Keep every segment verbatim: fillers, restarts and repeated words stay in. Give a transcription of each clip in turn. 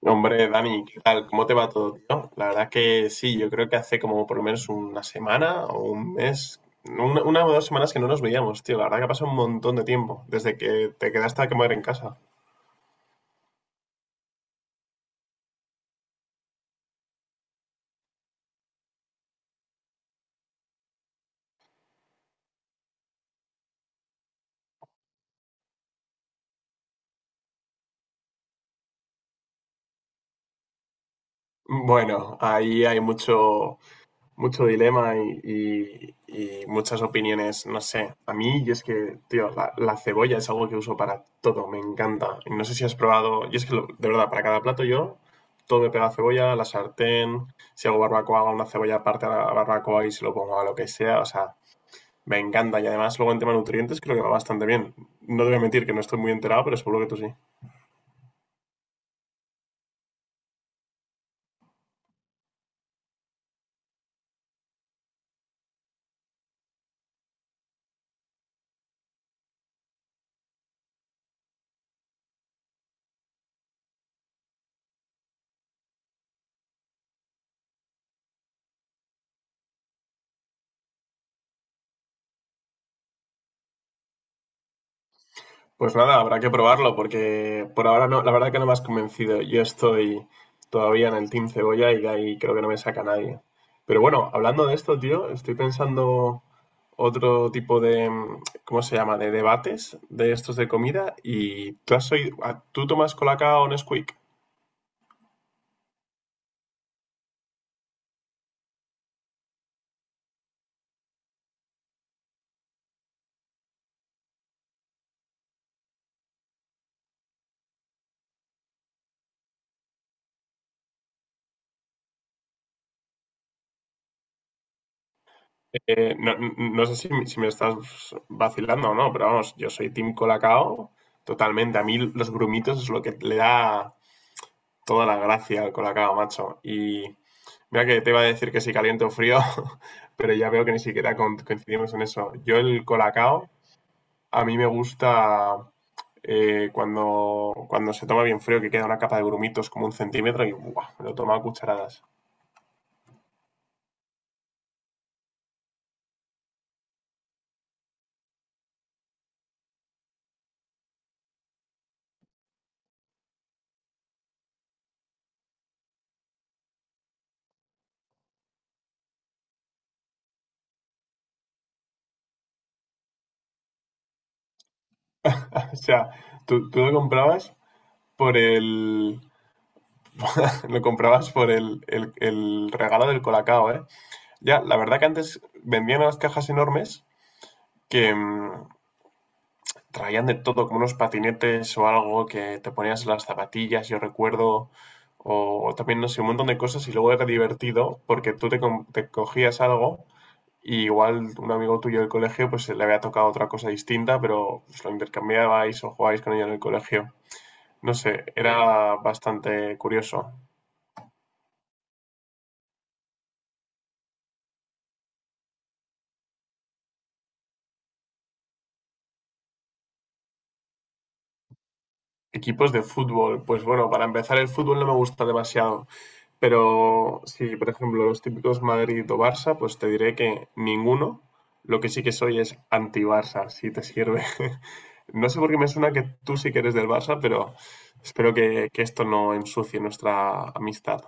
Hombre, Dani, ¿qué tal? ¿Cómo te va todo, tío? La verdad que sí, yo creo que hace como por lo menos una semana o un mes, una, una o dos semanas que no nos veíamos, tío. La verdad que ha pasado un montón de tiempo, desde que te quedaste a quemar en casa. Bueno, ahí hay mucho, mucho dilema y, y- y muchas opiniones, no sé. A mí, yo es que, tío, la, la cebolla es algo que uso para todo, me encanta. Y no sé si has probado, yo es que, lo- de verdad, para cada plato yo, todo me pega cebolla, la sartén, si hago barbacoa, hago una cebolla aparte a la barbacoa y se lo pongo a lo que sea, o sea, me encanta. Y además, luego en tema nutrientes creo que va bastante bien. No te voy a mentir que no estoy muy enterado, pero seguro que tú sí. Pues nada, habrá que probarlo porque por ahora no, la verdad que no me has convencido. Yo estoy todavía en el Team Cebolla y de ahí creo que no me saca nadie. Pero bueno, hablando de esto, tío, estoy pensando otro tipo de, mm, ¿cómo se llama?, de debates de estos de comida y tú has oído, ah, ¿tú tomas Colacao o Nesquik? Eh, no, n- no sé si, me si me estás vacilando o no, pero vamos, yo soy Team Colacao totalmente. A mí los grumitos es lo que le da toda la gracia al Colacao, macho. Y mira que te iba a decir que si caliente o frío, pero ya veo que ni siquiera con- coincidimos en eso. Yo el Colacao, a mí me gusta eh, cuando, cuando se toma bien frío, que queda una capa de grumitos como un centímetro y ¡buah! Me lo tomaba a cucharadas. O sea, tú, tú lo comprabas por el… Lo comprabas por el, el- el regalo del Colacao, ¿eh? Ya, la verdad que antes vendían unas cajas enormes que, mm, traían de todo, como unos patinetes o algo que te ponías en las zapatillas, yo recuerdo, o o también, no sé, un montón de cosas y luego era divertido porque tú te, com- te cogías algo y igual un amigo tuyo del colegio pues le había tocado otra cosa distinta, pero pues, lo intercambiabais o jugabais con ella en el colegio. No sé, era bastante curioso. Equipos de fútbol, pues bueno, para empezar el fútbol no me gusta demasiado. Pero si, por ejemplo, los típicos Madrid o Barça, pues te diré que ninguno. Lo que sí que soy es anti-Barça, si te sirve. No sé por qué me suena que tú sí que eres del Barça, pero espero que, que esto no ensucie nuestra amistad.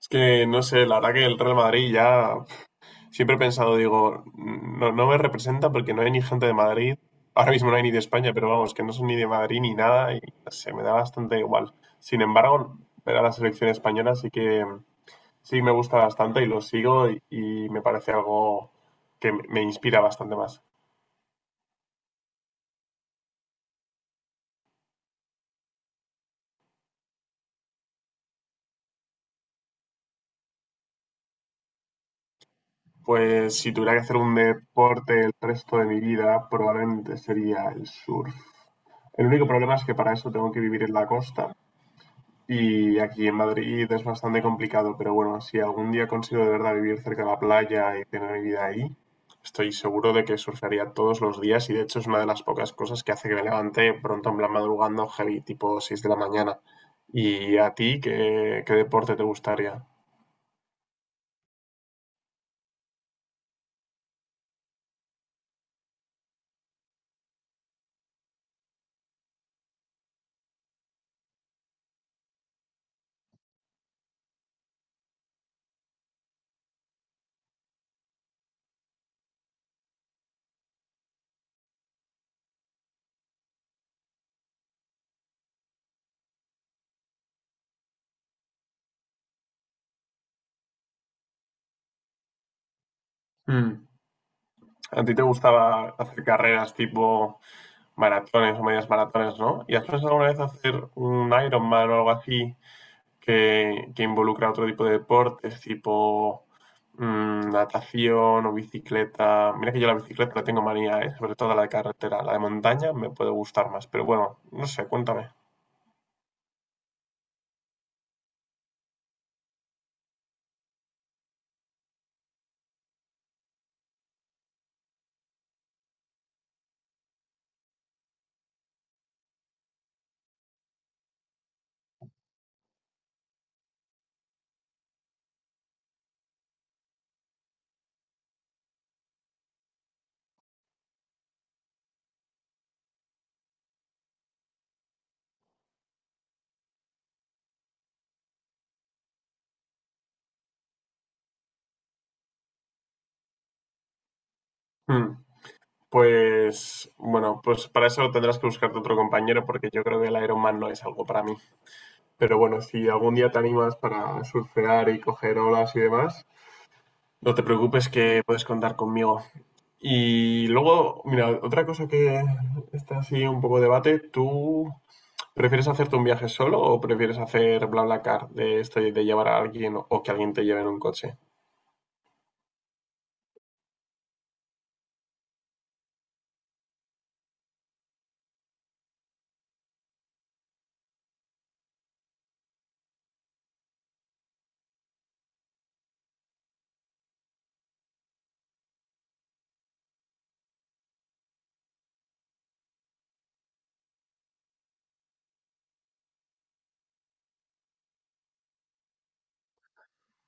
Es que, no sé, la verdad que el Real Madrid ya siempre he pensado, digo, no, no me representa porque no hay ni gente de Madrid. Ahora mismo no hay ni de España, pero vamos, que no son ni de Madrid ni nada y se me da bastante igual. Sin embargo, ver a la selección española sí que sí, me gusta bastante y lo sigo y, y me parece algo que me me inspira bastante más. Pues si tuviera que hacer un deporte el resto de mi vida, probablemente sería el surf. El único problema es que para eso tengo que vivir en la costa. Y aquí en Madrid es bastante complicado, pero bueno, si algún día consigo de verdad vivir cerca de la playa y tener mi vida ahí, estoy seguro de que surfearía todos los días, y de hecho es una de las pocas cosas que hace que me levante pronto en plan madrugando heavy, tipo seis de la mañana. ¿Y a ti qué, qué deporte te gustaría? Mm. A ti te gustaba hacer carreras tipo maratones o medias maratones, ¿no? ¿Y has pensado alguna vez hacer un Ironman o algo así que, que involucra otro tipo de deportes, tipo mm, natación o bicicleta? Mira que yo la bicicleta la tengo manía, ¿eh? Sobre todo la de carretera. La de montaña me puede gustar más, pero bueno, no sé, cuéntame. Mm, Pues bueno, pues para eso tendrás que buscarte otro compañero porque yo creo que el Ironman no es algo para mí. Pero bueno, si algún día te animas para surfear y coger olas y demás, no te preocupes que puedes contar conmigo. Y luego, mira, otra cosa que está así un poco debate, ¿tú prefieres hacerte un viaje solo o prefieres hacer BlaBlaCar de esto y de llevar a alguien o que alguien te lleve en un coche?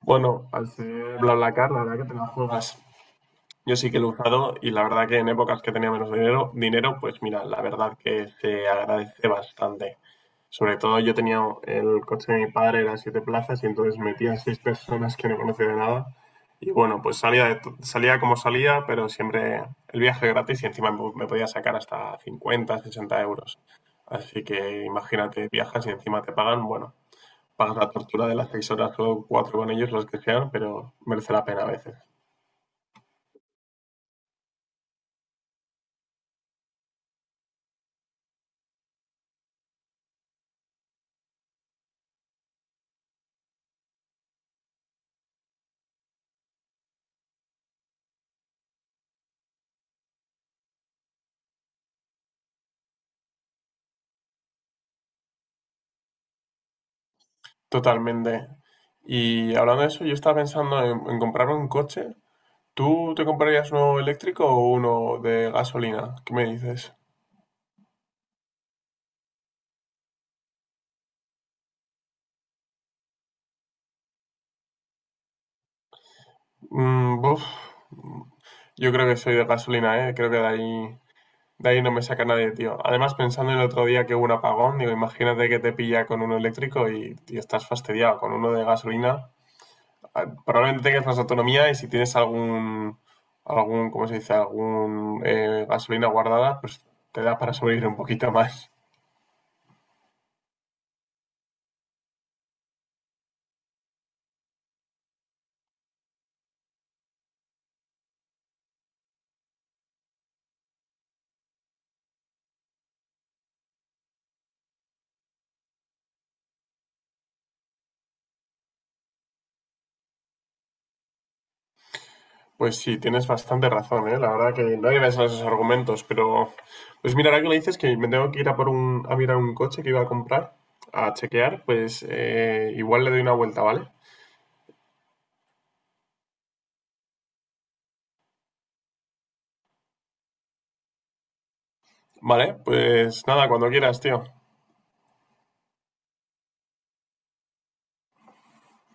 Bueno, al ser BlaBlaCar, la verdad que te la juegas. Yo sí que lo he usado y la verdad que en épocas que tenía menos dinero, dinero, pues mira, la verdad que se agradece bastante. Sobre todo yo tenía el coche de mi padre, era siete plazas y entonces metía seis personas que no conocía de nada. Y bueno, pues salía, de to- salía como salía, pero siempre el viaje gratis y encima me po- me podía sacar hasta cincuenta sesenta euros. Así que imagínate, viajas y encima te pagan, bueno, pagas la tortura de las seis horas o cuatro con ellos, los que sean, pero merece la pena a veces. Totalmente. Y hablando de eso, yo estaba pensando en, en comprarme un coche. ¿Tú te comprarías uno eléctrico o uno de gasolina? ¿Qué me dices? Mm, buf, yo creo que soy de gasolina, ¿eh? Creo que de ahí, de ahí no me saca nadie, tío. Además, pensando en el otro día que hubo un apagón, digo, imagínate que te pilla con uno eléctrico y, y estás fastidiado con uno de gasolina. ah, Probablemente tengas más autonomía y si tienes algún, algún, ¿cómo se dice? Algún eh, gasolina guardada, pues te da para sobrevivir un poquito más. Pues sí, tienes bastante razón, ¿eh? La verdad que no había pensado en esos argumentos, pero pues mira, ahora que lo dices que me tengo que ir a por un, a mirar un coche que iba a comprar, a chequear, pues eh, igual le doy una vuelta, ¿vale? Vale, pues nada, cuando quieras, tío.